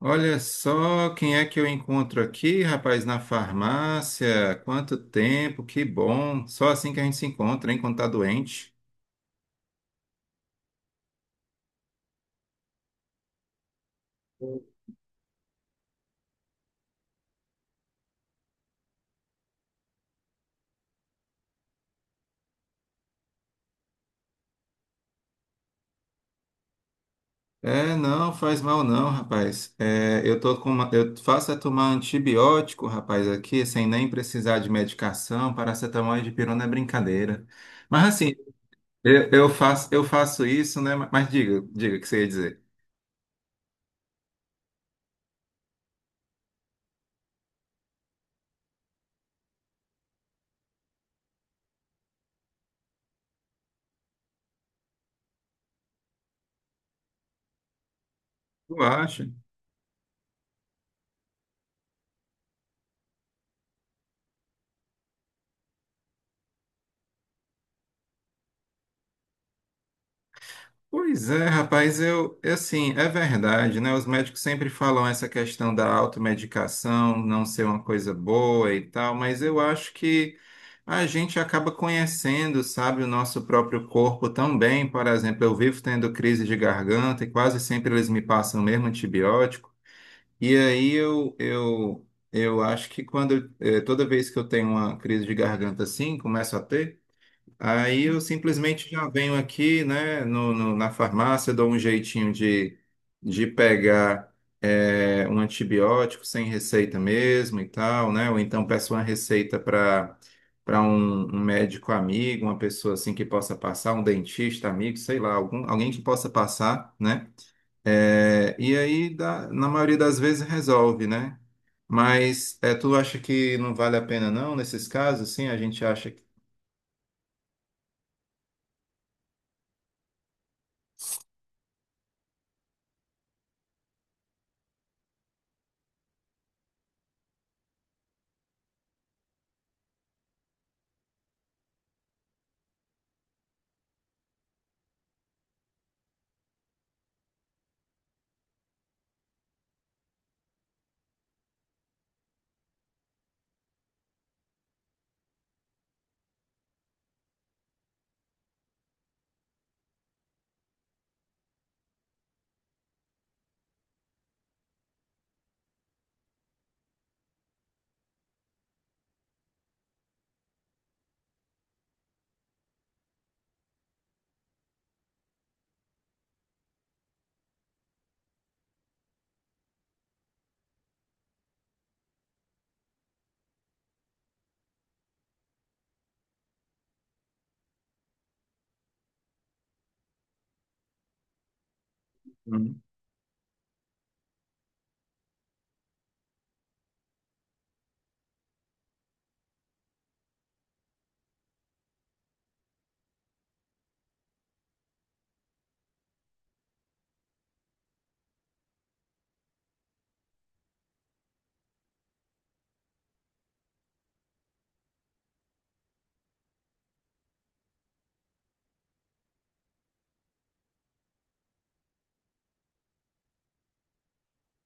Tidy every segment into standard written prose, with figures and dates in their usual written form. Olha só quem é que eu encontro aqui, rapaz, na farmácia. Quanto tempo, que bom. Só assim que a gente se encontra, hein, quando tá doente. É, não, faz mal não, rapaz. É, eu tô com eu faço é tomar antibiótico, rapaz, aqui, sem nem precisar de medicação. Paracetamol e dipirona é brincadeira. Mas assim, eu faço isso, né? Mas diga o que você ia dizer. Tu acha? Pois é, rapaz, eu, assim, é verdade, né? Os médicos sempre falam essa questão da automedicação não ser uma coisa boa e tal, mas eu acho que a gente acaba conhecendo, sabe, o nosso próprio corpo tão bem. Por exemplo, eu vivo tendo crise de garganta e quase sempre eles me passam mesmo antibiótico. E aí eu acho que toda vez que eu tenho uma crise de garganta assim, começo a ter. Aí eu simplesmente já venho aqui, né, na farmácia, dou um jeitinho de pegar um antibiótico sem receita mesmo e tal, né? Ou então peço uma receita para um médico amigo, uma pessoa assim que possa passar, um dentista amigo, sei lá, algum, alguém que possa passar, né? É, e aí, na maioria das vezes, resolve, né? Mas é, tu acha que não vale a pena não, nesses casos, sim, a gente acha que...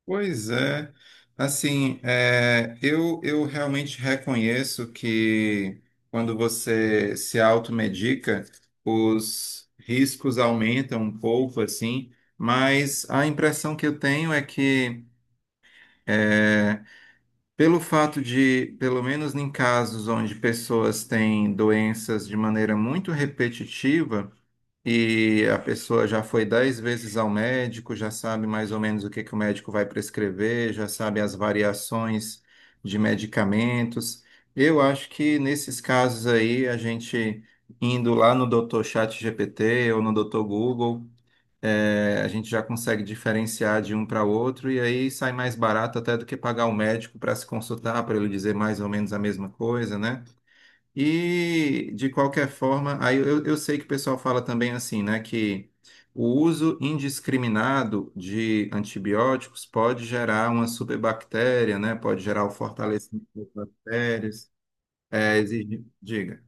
Pois é. Assim, eu realmente reconheço que quando você se automedica, os riscos aumentam um pouco, assim, mas a impressão que eu tenho é que, é, pelo fato de, pelo menos em casos onde pessoas têm doenças de maneira muito repetitiva, e a pessoa já foi 10 vezes ao médico, já sabe mais ou menos o que que o médico vai prescrever, já sabe as variações de medicamentos. Eu acho que nesses casos aí, a gente indo lá no Dr. GPT ou no doutor Google, a gente já consegue diferenciar de um para outro e aí sai mais barato até do que pagar o médico para se consultar, para ele dizer mais ou menos a mesma coisa, né? E, de qualquer forma, aí eu sei que o pessoal fala também assim, né, que o uso indiscriminado de antibióticos pode gerar uma superbactéria, né, pode gerar o fortalecimento das bactérias, exige... Diga.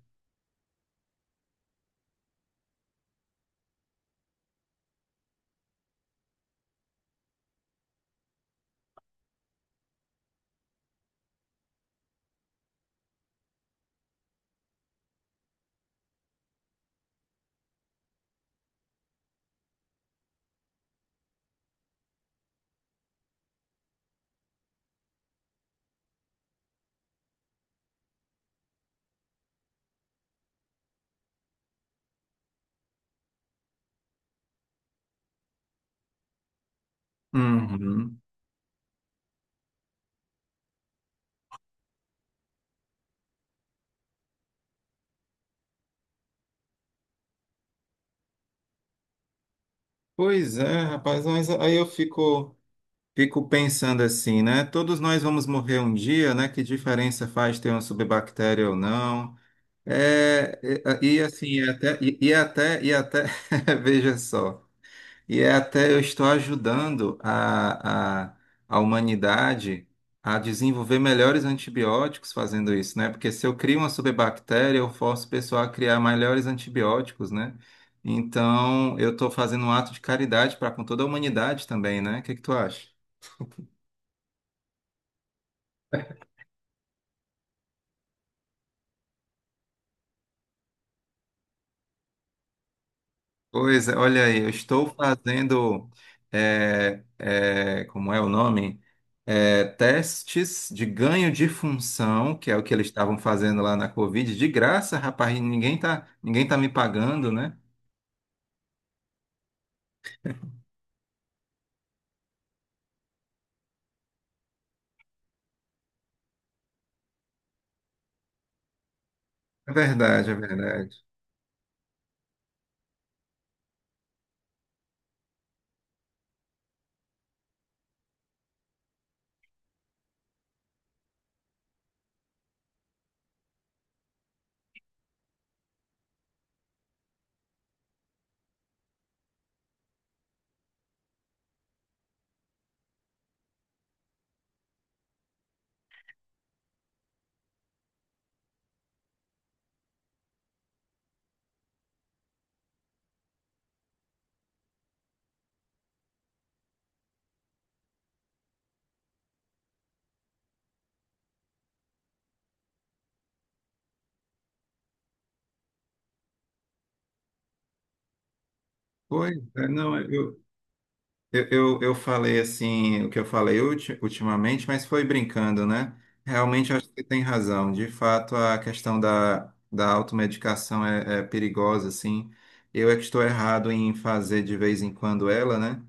Uhum. Pois é, rapaz, mas aí eu fico pensando assim, né, todos nós vamos morrer um dia, né, que diferença faz ter uma superbactéria ou não? É, assim, veja só, e é até eu estou ajudando a humanidade a desenvolver melhores antibióticos fazendo isso, né? Porque se eu crio uma superbactéria, eu forço o pessoal a criar melhores antibióticos, né? Então, eu estou fazendo um ato de caridade para com toda a humanidade também, né? O que que tu acha? Pois é, olha aí, eu estou fazendo, como é o nome? É, testes de ganho de função, que é o que eles estavam fazendo lá na Covid, de graça, rapaz, e ninguém tá me pagando, né? É verdade, é verdade. Pois é, não, eu falei assim, o que eu falei ultimamente, mas foi brincando, né? Realmente eu acho que tem razão. De fato, a questão da automedicação é perigosa, assim. Eu é que estou errado em fazer de vez em quando ela, né?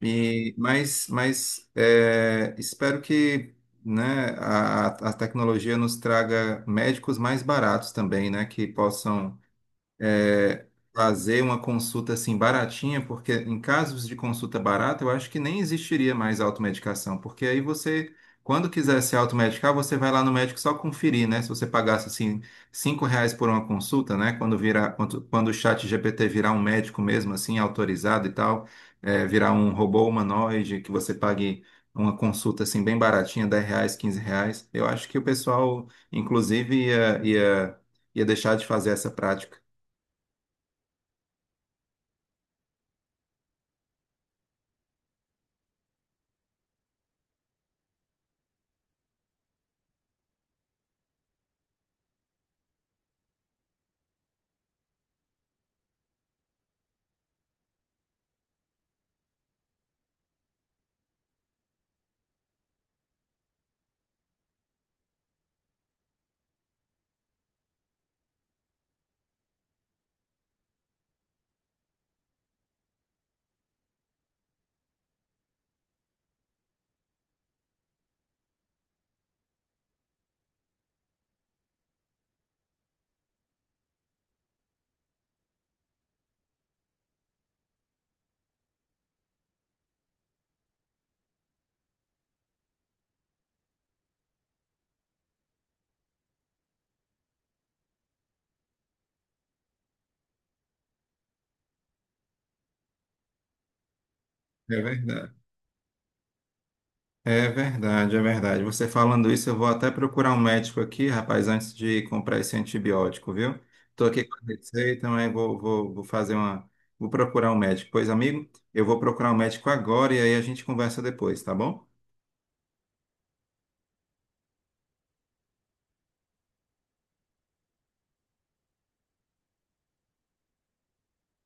E, mas espero que né, a tecnologia nos traga médicos mais baratos também, né? Que possam é, fazer uma consulta assim baratinha, porque em casos de consulta barata, eu acho que nem existiria mais automedicação, porque aí você, quando quiser se automedicar, você vai lá no médico só conferir, né? Se você pagasse assim R$ 5 por uma consulta, né? Quando o chat GPT virar um médico mesmo, assim, autorizado e tal, virar um robô humanoide, que você pague uma consulta assim bem baratinha, R$ 10, R$ 15, eu acho que o pessoal, inclusive, ia deixar de fazer essa prática. É verdade. É verdade, é verdade. Você falando isso, eu vou até procurar um médico aqui, rapaz, antes de comprar esse antibiótico, viu? Estou aqui com a receita, mas vou fazer uma. Vou procurar um médico. Pois, amigo, eu vou procurar um médico agora e aí a gente conversa depois, tá bom?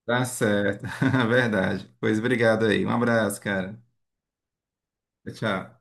Tá certo, verdade. Pois obrigado aí. Um abraço, cara. Tchau.